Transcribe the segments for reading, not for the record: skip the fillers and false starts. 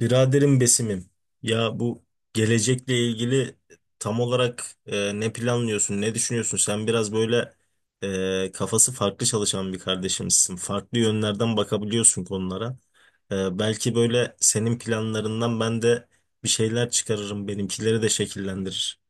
Biraderim Besim'im, ya bu gelecekle ilgili tam olarak ne planlıyorsun, ne düşünüyorsun? Sen biraz böyle kafası farklı çalışan bir kardeşimsin. Farklı yönlerden bakabiliyorsun konulara. Belki böyle senin planlarından ben de bir şeyler çıkarırım, benimkileri de şekillendirir.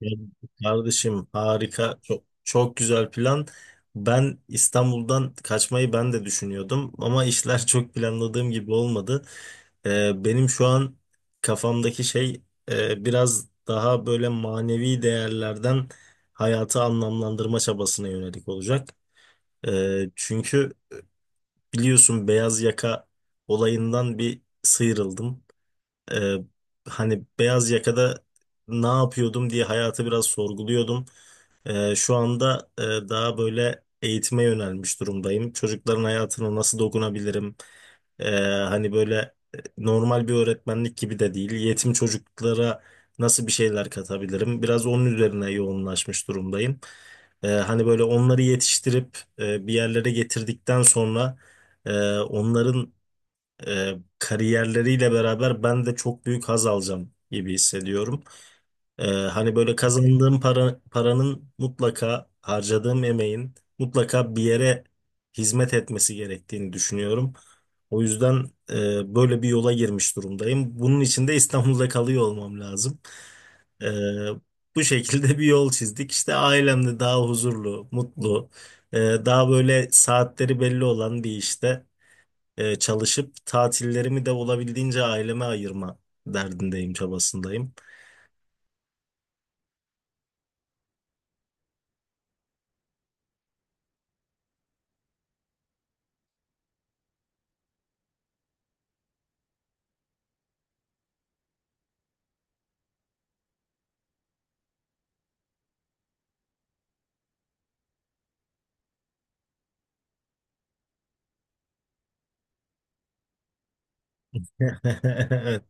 Ya kardeşim, harika, çok çok güzel plan. Ben İstanbul'dan kaçmayı ben de düşünüyordum ama işler çok planladığım gibi olmadı. Benim şu an kafamdaki şey biraz daha böyle manevi değerlerden hayatı anlamlandırma çabasına yönelik olacak. Çünkü biliyorsun, beyaz yaka olayından bir sıyrıldım. Ee, Hani beyaz yakada ne yapıyordum diye hayatı biraz sorguluyordum. Şu anda daha böyle eğitime yönelmiş durumdayım. Çocukların hayatına nasıl dokunabilirim? Ee, Hani böyle normal bir öğretmenlik gibi de değil. Yetim çocuklara nasıl bir şeyler katabilirim? Biraz onun üzerine yoğunlaşmış durumdayım. Hani böyle onları yetiştirip bir yerlere getirdikten sonra onların e, kariyerleriyle beraber ben de çok büyük haz alacağım gibi hissediyorum. Hani böyle kazandığım para, paranın mutlaka, harcadığım emeğin mutlaka bir yere hizmet etmesi gerektiğini düşünüyorum. O yüzden böyle bir yola girmiş durumdayım. Bunun için de İstanbul'da kalıyor olmam lazım. E, Bu şekilde bir yol çizdik. İşte ailemde daha huzurlu, mutlu, daha böyle saatleri belli olan bir işte çalışıp tatillerimi de olabildiğince aileme ayırma derdindeyim, çabasındayım. Evet,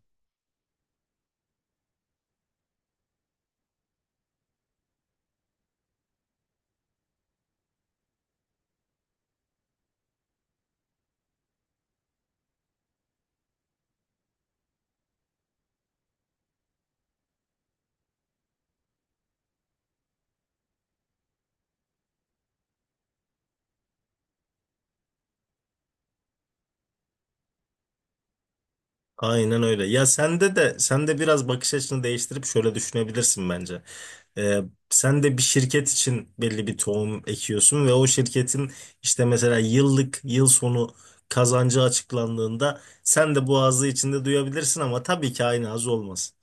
aynen öyle. Ya sende de sen de biraz bakış açını değiştirip şöyle düşünebilirsin bence. E, Sen de bir şirket için belli bir tohum ekiyorsun ve o şirketin işte mesela yıllık yıl sonu kazancı açıklandığında sen de bu ağzı içinde duyabilirsin ama tabii ki aynı haz olmaz.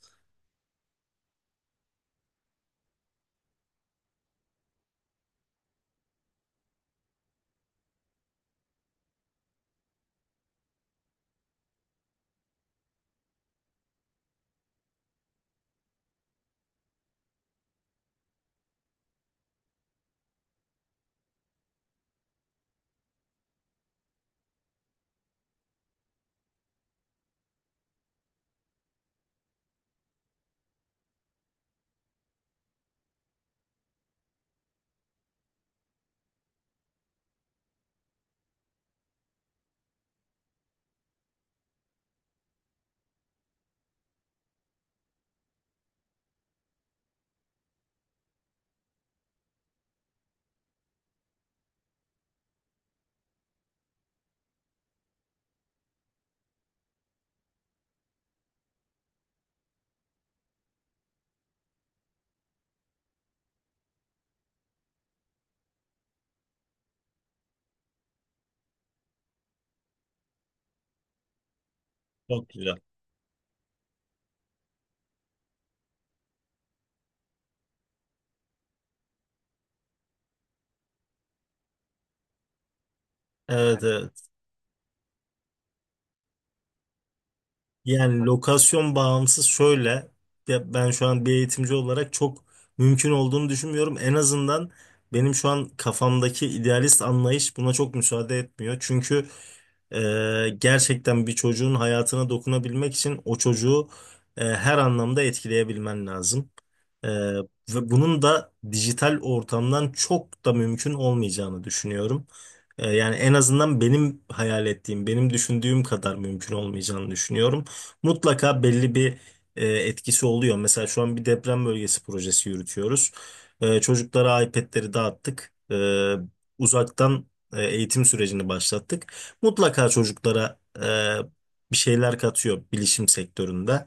Çok güzel. Evet, evet. Yani lokasyon bağımsız şöyle, ya ben şu an bir eğitimci olarak çok mümkün olduğunu düşünmüyorum. En azından benim şu an kafamdaki idealist anlayış buna çok müsaade etmiyor. Çünkü gerçekten bir çocuğun hayatına dokunabilmek için o çocuğu her anlamda etkileyebilmen lazım. Ee, Ve bunun da dijital ortamdan çok da mümkün olmayacağını düşünüyorum. Yani en azından benim hayal ettiğim, benim düşündüğüm kadar mümkün olmayacağını düşünüyorum. Mutlaka belli bir etkisi oluyor. Mesela şu an bir deprem bölgesi projesi yürütüyoruz. Çocuklara iPad'leri dağıttık. Uzaktan eğitim sürecini başlattık, mutlaka çocuklara bir şeyler katıyor bilişim sektöründe.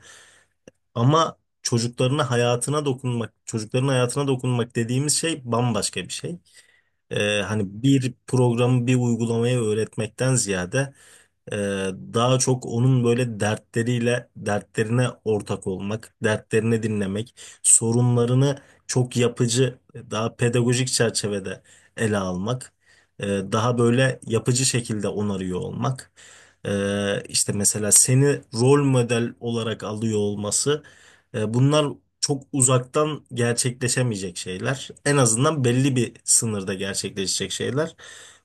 Ama çocukların hayatına dokunmak dediğimiz şey bambaşka bir şey. Hani bir programı, bir uygulamayı öğretmekten ziyade ee, daha çok onun böyle dertleriyle, dertlerine ortak olmak, dertlerini dinlemek, sorunlarını çok yapıcı, daha pedagojik çerçevede ele almak, ee, daha böyle yapıcı şekilde onarıyor olmak. İşte mesela seni rol model olarak alıyor olması, bunlar çok uzaktan gerçekleşemeyecek şeyler. En azından belli bir sınırda gerçekleşecek şeyler.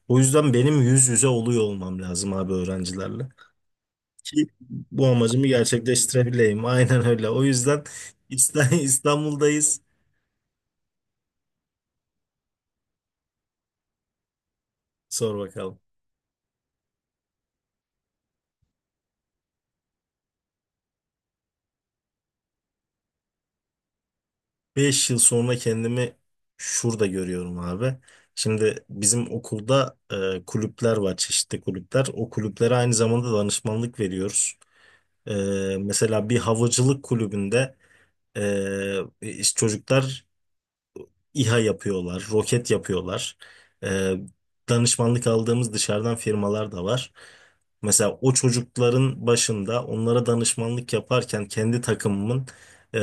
O yüzden benim yüz yüze oluyor olmam lazım abi, öğrencilerle. Ki bu amacımı gerçekleştirebileyim. Aynen öyle. O yüzden İsta- İstanbul'dayız. Sor bakalım. 5 yıl sonra kendimi şurada görüyorum abi. Şimdi bizim okulda kulüpler var, çeşitli kulüpler. O kulüplere aynı zamanda danışmanlık veriyoruz. E, Mesela bir havacılık kulübünde e, işte çocuklar İHA yapıyorlar, roket yapıyorlar. Ee, Danışmanlık aldığımız dışarıdan firmalar da var. Mesela o çocukların başında onlara danışmanlık yaparken kendi takımımın e,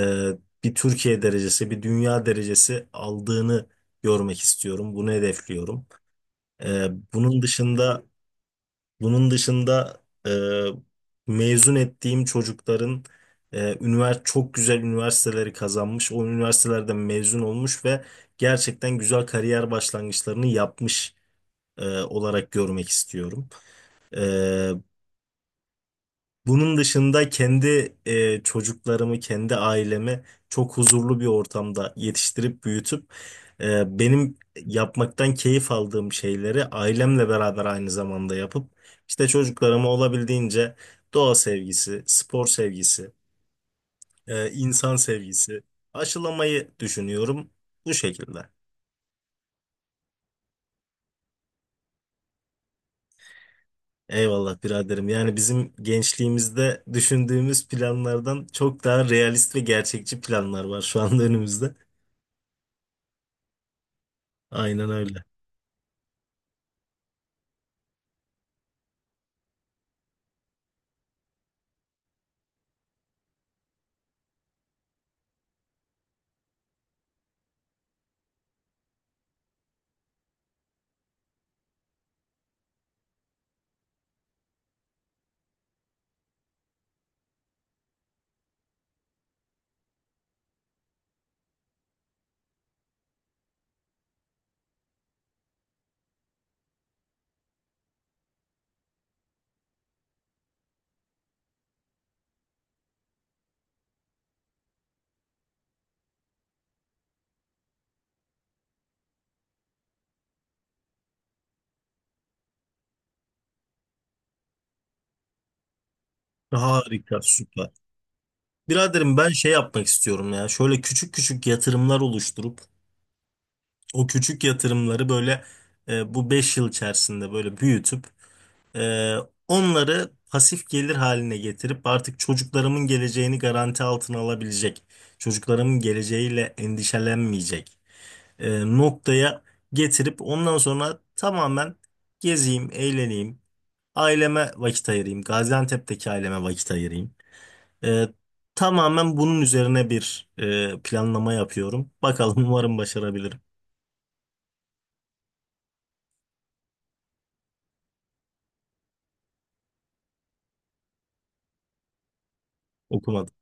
bir Türkiye derecesi, bir dünya derecesi aldığını görmek istiyorum. Bunu hedefliyorum. Ee, bunun dışında bunun dışında mezun ettiğim çocukların çok güzel üniversiteleri kazanmış, o üniversitelerden mezun olmuş ve gerçekten güzel kariyer başlangıçlarını yapmış olarak görmek istiyorum. E, Bunun dışında kendi çocuklarımı, kendi ailemi çok huzurlu bir ortamda yetiştirip büyütüp benim yapmaktan keyif aldığım şeyleri ailemle beraber aynı zamanda yapıp işte çocuklarıma olabildiğince doğa sevgisi, spor sevgisi, insan sevgisi aşılamayı düşünüyorum bu şekilde. Eyvallah biraderim. Yani bizim gençliğimizde düşündüğümüz planlardan çok daha realist ve gerçekçi planlar var şu anda önümüzde. Aynen öyle. Harika, süper. Biraderim, ben şey yapmak istiyorum ya. Şöyle küçük küçük yatırımlar oluşturup o küçük yatırımları böyle bu 5 yıl içerisinde böyle büyütüp e, onları pasif gelir haline getirip artık çocuklarımın geleceğini garanti altına alabilecek, çocuklarımın geleceğiyle endişelenmeyecek noktaya getirip ondan sonra tamamen gezeyim, eğleneyim, aileme vakit ayırayım, Gaziantep'teki aileme vakit ayırayım. Ee, Tamamen bunun üzerine bir planlama yapıyorum. Bakalım, umarım başarabilirim. Okumadım.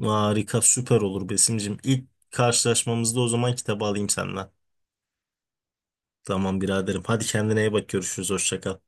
Harika, süper olur Besim'cim. İlk karşılaşmamızda o zaman kitabı alayım senden. Tamam biraderim. Hadi kendine iyi bak. Görüşürüz. Hoşça kal.